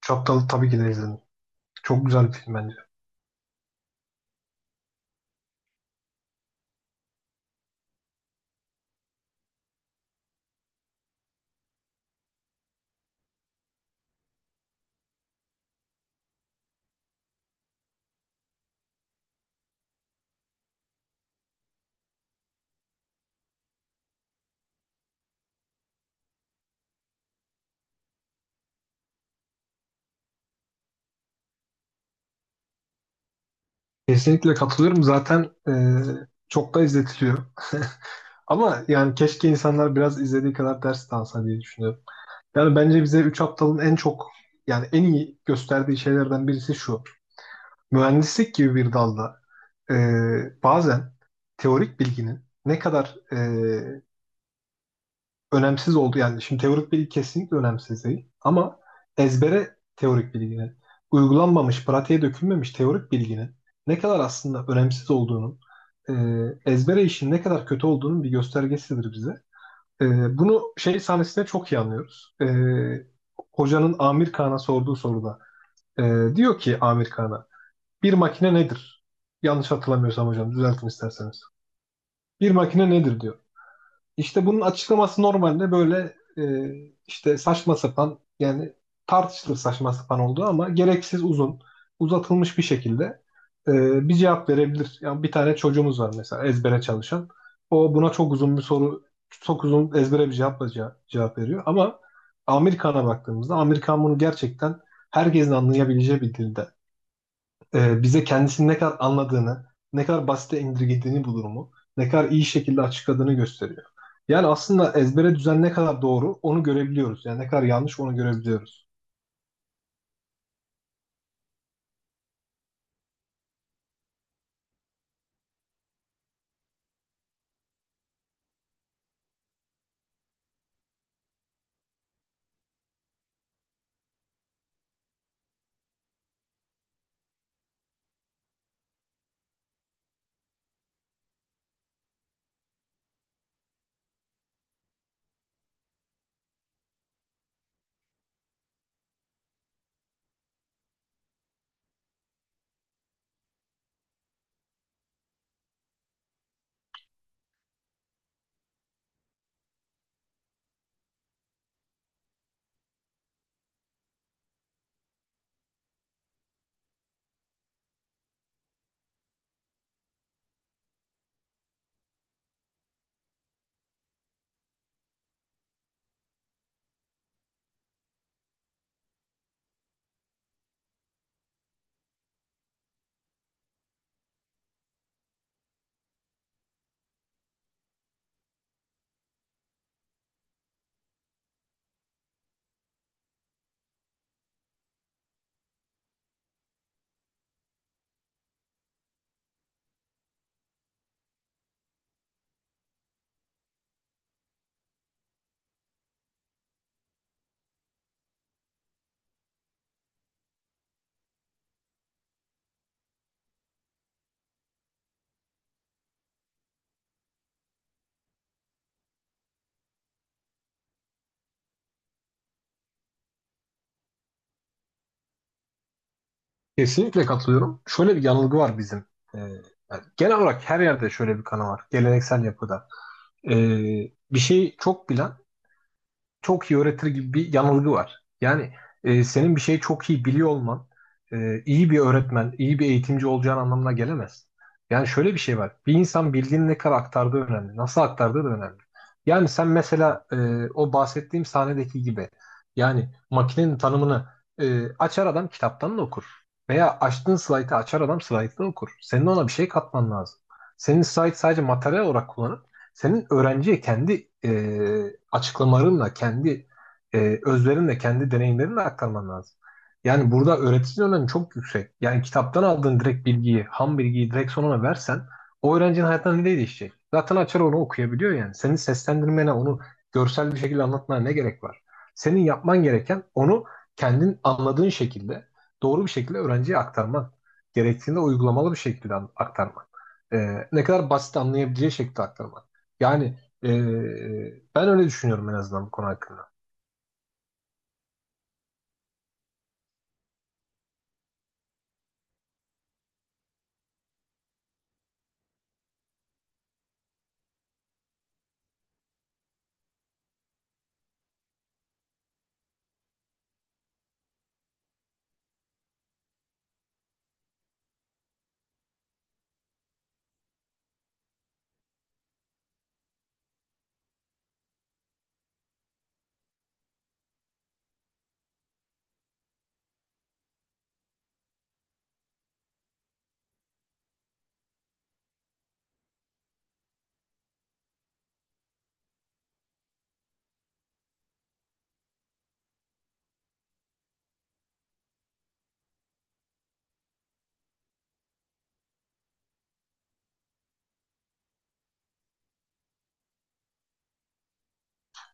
Çaptalı tabii ki de izledim. Çok güzel bir film bence. Kesinlikle katılıyorum. Zaten çok da izletiliyor. Ama yani keşke insanlar biraz izlediği kadar ders de alsa diye düşünüyorum. Yani bence bize Üç Aptal'ın en çok yani en iyi gösterdiği şeylerden birisi şu. Mühendislik gibi bir dalda e, bazen teorik bilginin ne kadar önemsiz oldu yani. Şimdi teorik bilgi kesinlikle önemsiz değil. Ama ezbere teorik bilginin, uygulanmamış, pratiğe dökülmemiş teorik bilginin ne kadar aslında önemsiz olduğunun, e, ezbere işin ne kadar kötü olduğunun bir göstergesidir bize. Bunu şey sahnesinde çok iyi anlıyoruz. Hocanın Amir Kağan'a sorduğu soruda e, diyor ki Amir Kağan'a bir makine nedir? Yanlış hatırlamıyorsam hocam düzeltin isterseniz. Bir makine nedir diyor. İşte bunun açıklaması normalde böyle işte saçma sapan yani tartışılır saçma sapan olduğu ama gereksiz uzun uzatılmış bir şekilde bir cevap verebilir. Yani bir tane çocuğumuz var mesela ezbere çalışan. O buna çok uzun bir soru çok uzun ezbere bir cevapla cevap veriyor. Ama Amerikan'a baktığımızda Amerikan bunu gerçekten herkesin anlayabileceği bir dilde bize kendisini ne kadar anladığını, ne kadar basite indirgediğini bu durumu, ne kadar iyi şekilde açıkladığını gösteriyor. Yani aslında ezbere düzen ne kadar doğru onu görebiliyoruz. Yani ne kadar yanlış onu görebiliyoruz. Kesinlikle katılıyorum. Şöyle bir yanılgı var bizim. E, Yani genel olarak her yerde şöyle bir kanı var. Geleneksel yapıda. E, Bir şeyi çok bilen çok iyi öğretir gibi bir yanılgı var. Yani senin bir şeyi çok iyi biliyor olman iyi bir öğretmen, iyi bir eğitimci olacağın anlamına gelemez. Yani şöyle bir şey var. Bir insan bildiğini ne kadar aktardığı önemli. Nasıl aktardığı da önemli. Yani sen mesela o bahsettiğim sahnedeki gibi yani makinenin tanımını açar adam kitaptan da okur. Veya açtığın slaytı açar adam slaytı da okur. Senin ona bir şey katman lazım. Senin slayt sadece materyal olarak kullanır. Senin öğrenciye kendi açıklamalarınla, kendi özverinle, kendi deneyimlerinle aktarman lazım. Yani burada öğreticinin önemi çok yüksek. Yani kitaptan aldığın direkt bilgiyi, ham bilgiyi direkt sonuna versen o öğrencinin hayatında ne değişecek? Zaten açar onu okuyabiliyor yani. Senin seslendirmene, onu görsel bir şekilde anlatmana ne gerek var? Senin yapman gereken onu kendin anladığın şekilde, doğru bir şekilde öğrenciye aktarman. Gerektiğinde uygulamalı bir şekilde aktarman. Ne kadar basit anlayabileceği şekilde aktarman. Yani e, ben öyle düşünüyorum en azından bu konu hakkında.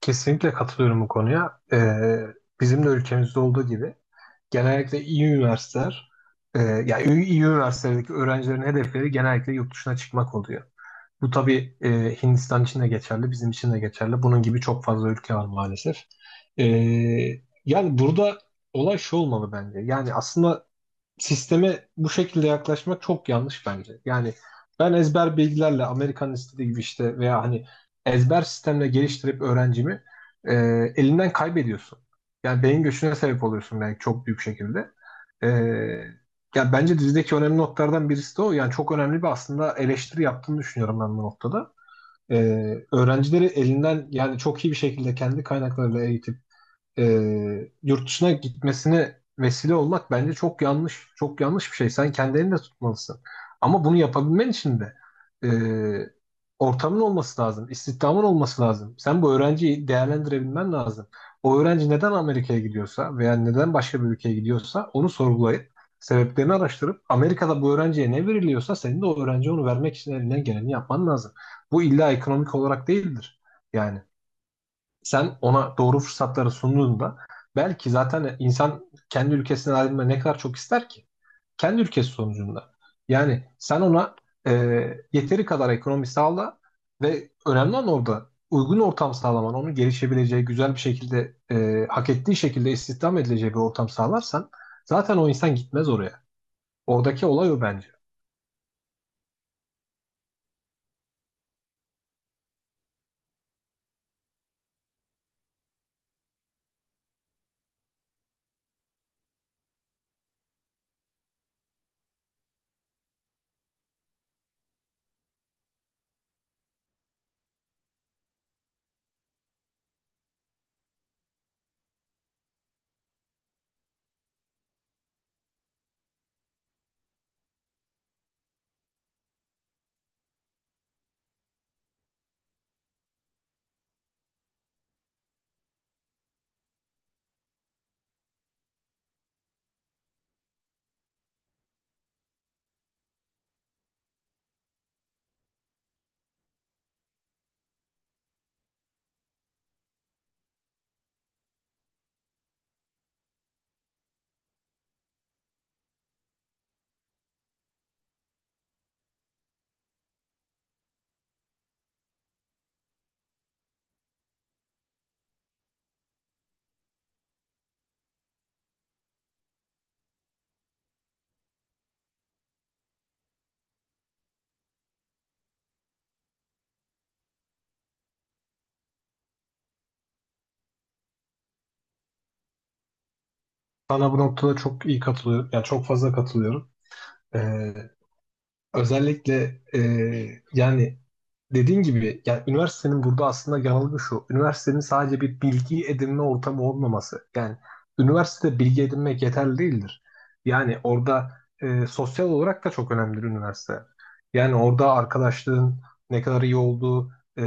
Kesinlikle katılıyorum bu konuya. Bizim de ülkemizde olduğu gibi genellikle iyi üniversiteler, yani iyi üniversitelerdeki öğrencilerin hedefleri genellikle yurt dışına çıkmak oluyor. Bu tabii Hindistan için de geçerli, bizim için de geçerli. Bunun gibi çok fazla ülke var maalesef. E, Yani burada olay şu olmalı bence. Yani aslında sisteme bu şekilde yaklaşmak çok yanlış bence. Yani ben ezber bilgilerle Amerikan istediği gibi işte veya hani ezber sistemle geliştirip öğrencimi e, elinden kaybediyorsun. Yani beyin göçüne sebep oluyorsun belki çok büyük şekilde. E, Ya bence dizideki önemli noktalardan birisi de o. Yani çok önemli bir aslında eleştiri yaptığını düşünüyorum ben bu noktada. E, Öğrencileri elinden yani çok iyi bir şekilde kendi kaynaklarıyla eğitip yurt dışına gitmesine vesile olmak bence çok yanlış. Çok yanlış bir şey. Sen kendi elinde tutmalısın. Ama bunu yapabilmen için de e, ortamın olması lazım. İstihdamın olması lazım. Sen bu öğrenciyi değerlendirebilmen lazım. O öğrenci neden Amerika'ya gidiyorsa veya neden başka bir ülkeye gidiyorsa onu sorgulayıp sebeplerini araştırıp Amerika'da bu öğrenciye ne veriliyorsa senin de o öğrenciye onu vermek için elinden geleni yapman lazım. Bu illa ekonomik olarak değildir. Yani sen ona doğru fırsatları sunduğunda belki zaten insan kendi ülkesinden ayrılmayı ne kadar çok ister ki? Kendi ülkesi sonucunda. Yani sen ona e, yeteri kadar ekonomi sağla ve önemli olan orada uygun ortam sağlaman, onun gelişebileceği, güzel bir şekilde, hak ettiği şekilde istihdam edileceği bir ortam sağlarsan zaten o insan gitmez oraya. Oradaki olay o bence. Sana bu noktada çok iyi katılıyorum. Yani çok fazla katılıyorum. E, Özellikle yani dediğin gibi yani üniversitenin burada aslında yanılgı şu. Üniversitenin sadece bir bilgi edinme ortamı olmaması. Yani üniversitede bilgi edinmek yeterli değildir. Yani orada sosyal olarak da çok önemlidir üniversite. Yani orada arkadaşlığın ne kadar iyi olduğu e,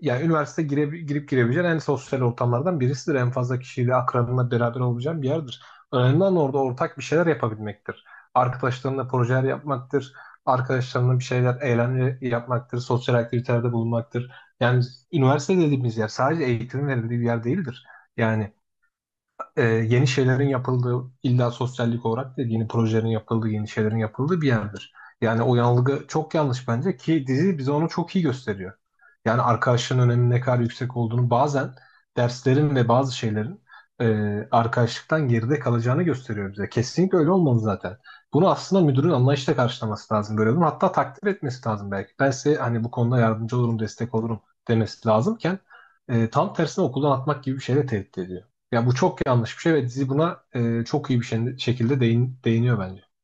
yani üniversite girip girebileceğin en sosyal ortamlardan birisidir. En fazla kişiyle akranınla beraber olacağın bir yerdir. Önemli olan orada ortak bir şeyler yapabilmektir. Arkadaşlarınla projeler yapmaktır arkadaşlarına bir şeyler, eğlence yapmaktır, sosyal aktivitelerde bulunmaktır. Yani üniversite dediğimiz yer sadece eğitim verildiği bir yer değildir. Yani yeni şeylerin yapıldığı, illa sosyallik olarak değil, yeni projelerin yapıldığı, yeni şeylerin yapıldığı bir yerdir. Yani o yanılgı çok yanlış bence ki dizi bize onu çok iyi gösteriyor. Yani arkadaşlığın öneminin ne kadar yüksek olduğunu bazen derslerin ve bazı şeylerin arkadaşlıktan geride kalacağını gösteriyor bize. Kesinlikle öyle olmalı zaten. Bunu aslında müdürün anlayışla karşılaması lazım böyle durum. Hatta takdir etmesi lazım belki. Ben size hani bu konuda yardımcı olurum, destek olurum demesi lazımken tam tersine okuldan atmak gibi bir şeyle tehdit ediyor. Ya bu çok yanlış bir şey ve dizi buna çok iyi bir şekilde değiniyor bence.